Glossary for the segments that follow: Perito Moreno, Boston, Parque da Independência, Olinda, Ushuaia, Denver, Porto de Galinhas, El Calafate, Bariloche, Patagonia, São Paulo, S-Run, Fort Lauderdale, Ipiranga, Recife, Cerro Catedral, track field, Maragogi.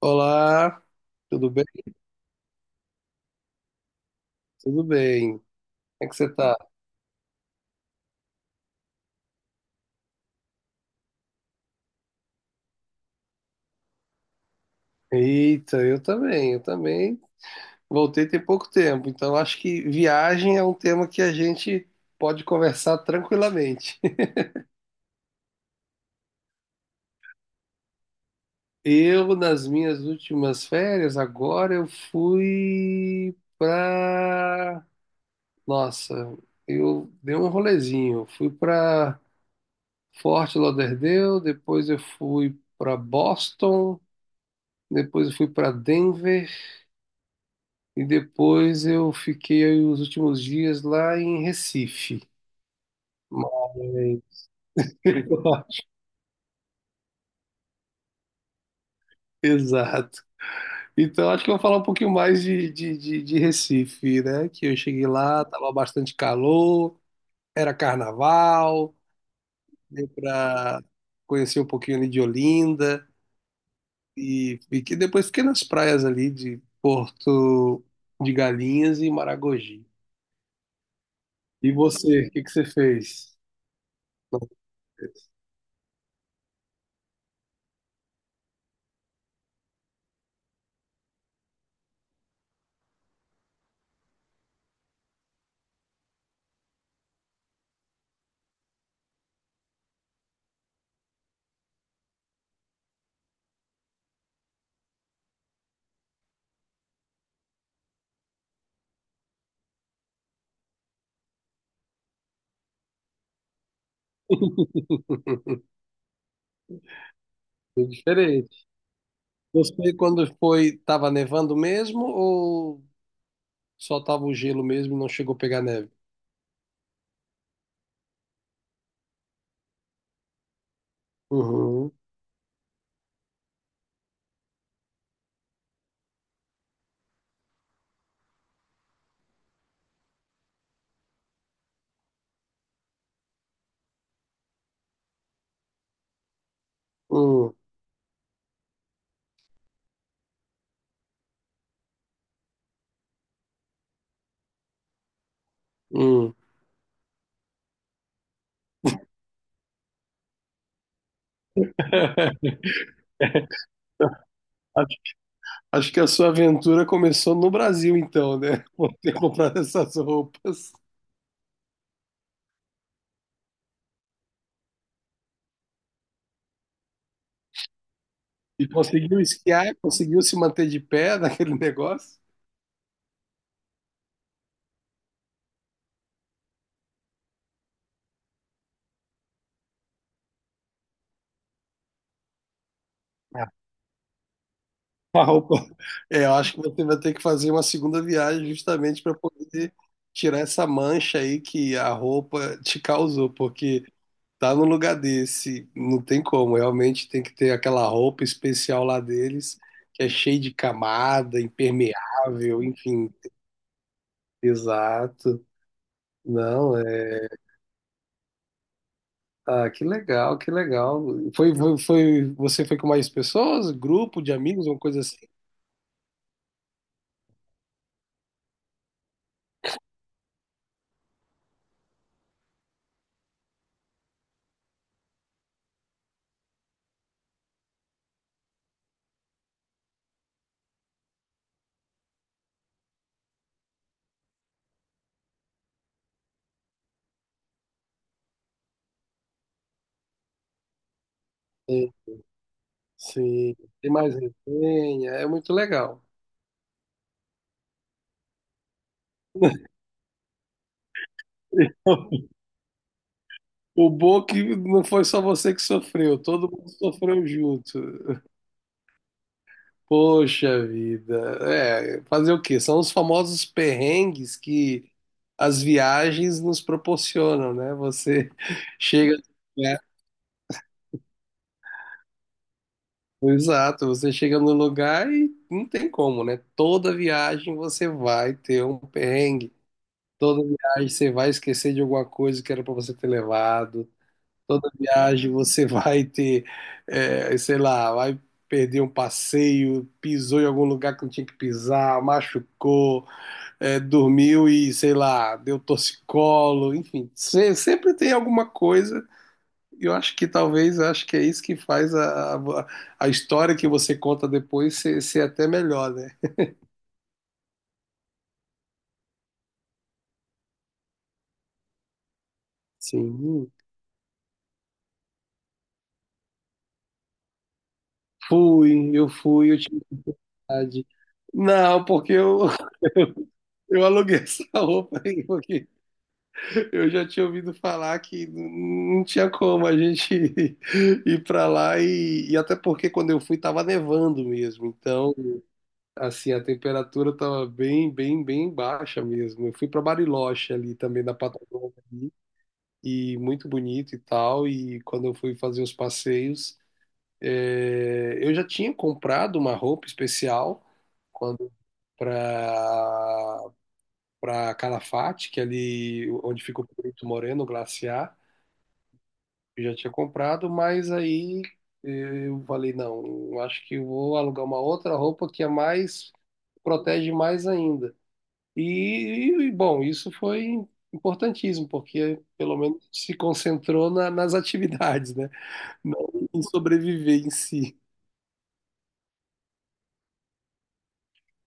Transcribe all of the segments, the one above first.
Olá, tudo bem? Tudo bem. Como é que você tá? Eita, eu também, eu também. Voltei tem pouco tempo, então acho que viagem é um tema que a gente pode conversar tranquilamente. Eu, nas minhas últimas férias, agora eu fui pra. Nossa, eu dei um rolezinho. Eu fui pra Fort Lauderdale, depois eu fui pra Boston, depois eu fui pra Denver. E depois eu fiquei os últimos dias lá em Recife. Mas- Exato. Então acho que eu vou falar um pouquinho mais de Recife, né? Que eu cheguei lá, tava bastante calor, era carnaval, deu para conhecer um pouquinho ali de Olinda e fiquei, depois fiquei nas praias ali de Porto de Galinhas e Maragogi. E você, o que que você fez? Foi diferente. Você, quando foi, tava nevando mesmo ou só tava o gelo mesmo e não chegou a pegar neve? Uhum, hum, hum. Acho, acho que a sua aventura começou no Brasil, então, né? Por ter comprado essas roupas. E conseguiu esquiar, conseguiu se manter de pé naquele negócio? Ah. A roupa. É, eu acho que você vai ter que fazer uma segunda viagem justamente para poder tirar essa mancha aí que a roupa te causou, porque tá no lugar desse, não tem como. Realmente tem que ter aquela roupa especial lá deles, que é cheia de camada, impermeável, enfim. Exato. Não, é. Ah, que legal, que legal. Você foi com mais pessoas? Grupo de amigos, uma coisa assim? Sim, sim. Tem mais resenha, é muito legal. O bom é que não foi só você que sofreu, todo mundo sofreu junto. Poxa vida. É, fazer o quê? São os famosos perrengues que as viagens nos proporcionam, né? Você chega, né? Exato, você chega no lugar e não tem como, né? Toda viagem você vai ter um perrengue. Toda viagem você vai esquecer de alguma coisa que era para você ter levado. Toda viagem você vai ter, é, sei lá, vai perder um passeio, pisou em algum lugar que não tinha que pisar, machucou. É, dormiu e, sei lá, deu torcicolo, enfim, sempre tem alguma coisa. E eu acho que talvez, eu acho que é isso que faz a história que você conta depois ser, ser até melhor, né? Sim, fui, eu fui, utilidade. Não, porque eu, eu eu aluguei essa roupa aí, porque eu já tinha ouvido falar que não tinha como a gente ir pra lá e até porque quando eu fui tava nevando mesmo, então assim, a temperatura estava bem, bem, bem baixa mesmo. Eu fui para Bariloche ali também da Patagônia ali, e muito bonito e tal. E quando eu fui fazer os passeios, eu já tinha comprado uma roupa especial quando para para Calafate, que é ali onde fica o Perito Moreno, o glaciar. Eu já tinha comprado, mas aí eu falei, não, eu acho que eu vou alugar uma outra roupa que é mais protege mais ainda. E, bom, isso foi importantíssimo, porque pelo menos se concentrou nas atividades, né? Não em sobreviver em si.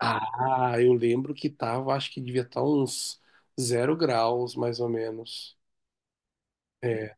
Ah, eu lembro que tava, acho que devia estar uns zero graus, mais ou menos. É,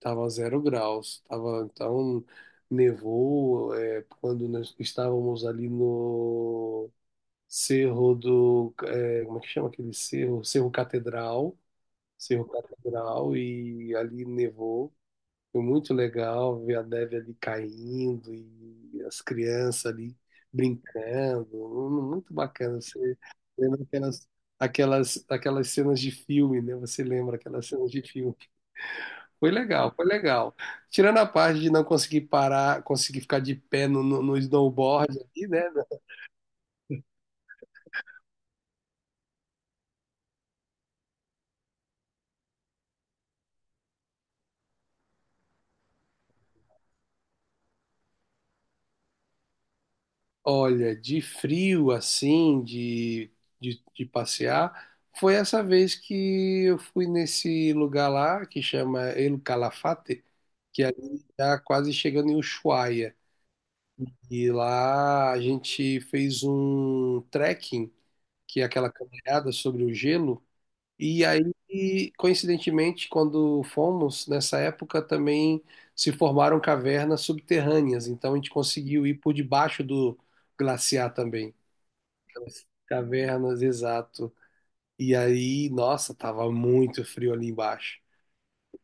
tava zero graus. Tava, então, nevou, é, quando nós estávamos ali no Cerro do, é, como é que chama aquele cerro? Cerro Catedral. Cerro Catedral e ali nevou. Foi muito legal ver a neve ali caindo e as crianças ali brincando. Muito bacana. Você lembra aquelas, aquelas cenas de filme, né? Você lembra aquelas cenas de filme. Foi legal, foi legal. Tirando a parte de não conseguir parar, conseguir ficar de pé no snowboard ali, né? Olha, de frio assim, de passear, foi essa vez que eu fui nesse lugar lá que chama El Calafate, que é ali tá quase chegando em Ushuaia. E lá a gente fez um trekking, que é aquela caminhada sobre o gelo. E aí, coincidentemente, quando fomos, nessa época também se formaram cavernas subterrâneas, então a gente conseguiu ir por debaixo do glaciar também. As cavernas, exato. E aí, nossa, tava muito frio ali embaixo.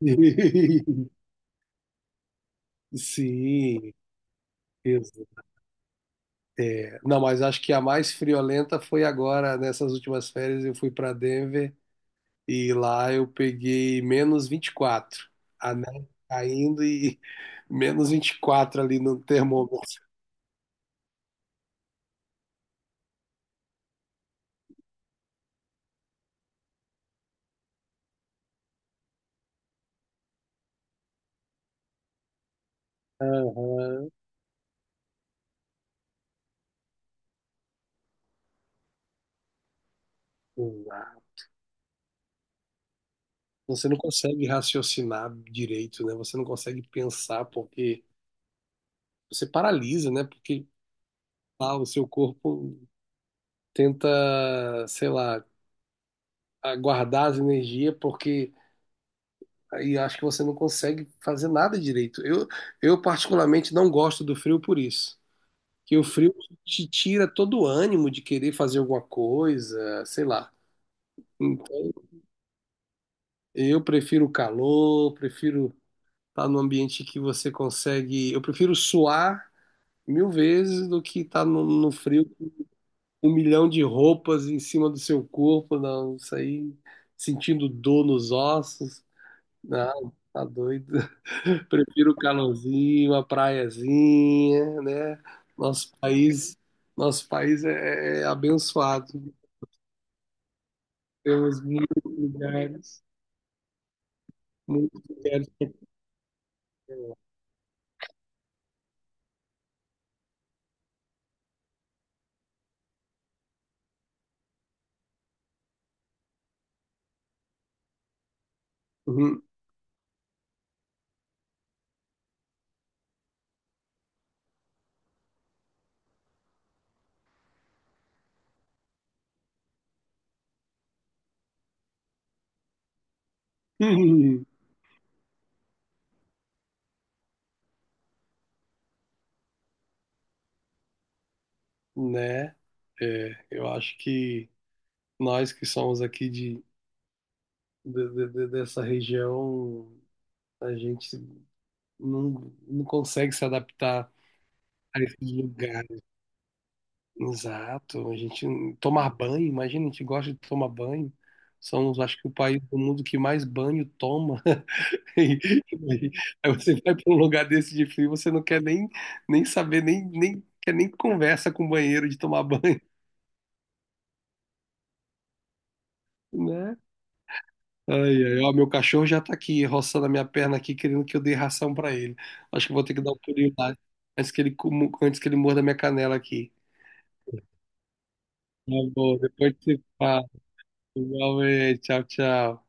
Sim, isso. Não, mas acho que a mais friolenta foi agora, nessas últimas férias, eu fui para Denver e lá eu peguei menos 24. A neve caindo e menos 24 ali no termômetro. Aham, exato. Você não consegue raciocinar direito, né? Você não consegue pensar porque você paralisa, né? Porque lá, o seu corpo tenta, sei lá, guardar as energias, porque aí acho que você não consegue fazer nada direito. Eu particularmente não gosto do frio por isso. Que o frio te tira todo o ânimo de querer fazer alguma coisa, sei lá. Então, eu prefiro o calor, prefiro estar num ambiente que você consegue. Eu prefiro suar 1.000 vezes do que estar no frio 1.000.000 de roupas em cima do seu corpo, não, isso aí, sentindo dor nos ossos, não, tá doido. Prefiro o calorzinho, a praiazinha, né? Nosso país, nosso país é abençoado, temos muitos lugares, Uhum. né? É, eu acho que nós que somos aqui de, dessa região, a gente não consegue se adaptar a esses lugares. Exato. A gente tomar banho, imagina, a gente gosta de tomar banho. Somos, acho que, o país do mundo que mais banho toma. E- e aí você vai para um lugar desse de frio, você não quer nem, nem, saber, nem quer nem conversa com o banheiro de tomar banho, né? Ai, ai, ó, meu cachorro já tá aqui, roçando a minha perna aqui, querendo que eu dê ração para ele. Acho que vou ter que dar um pulinho lá, antes que ele, antes que ele morda minha canela aqui. Tá bom, depois te falo. Igualmente, tchau, tchau.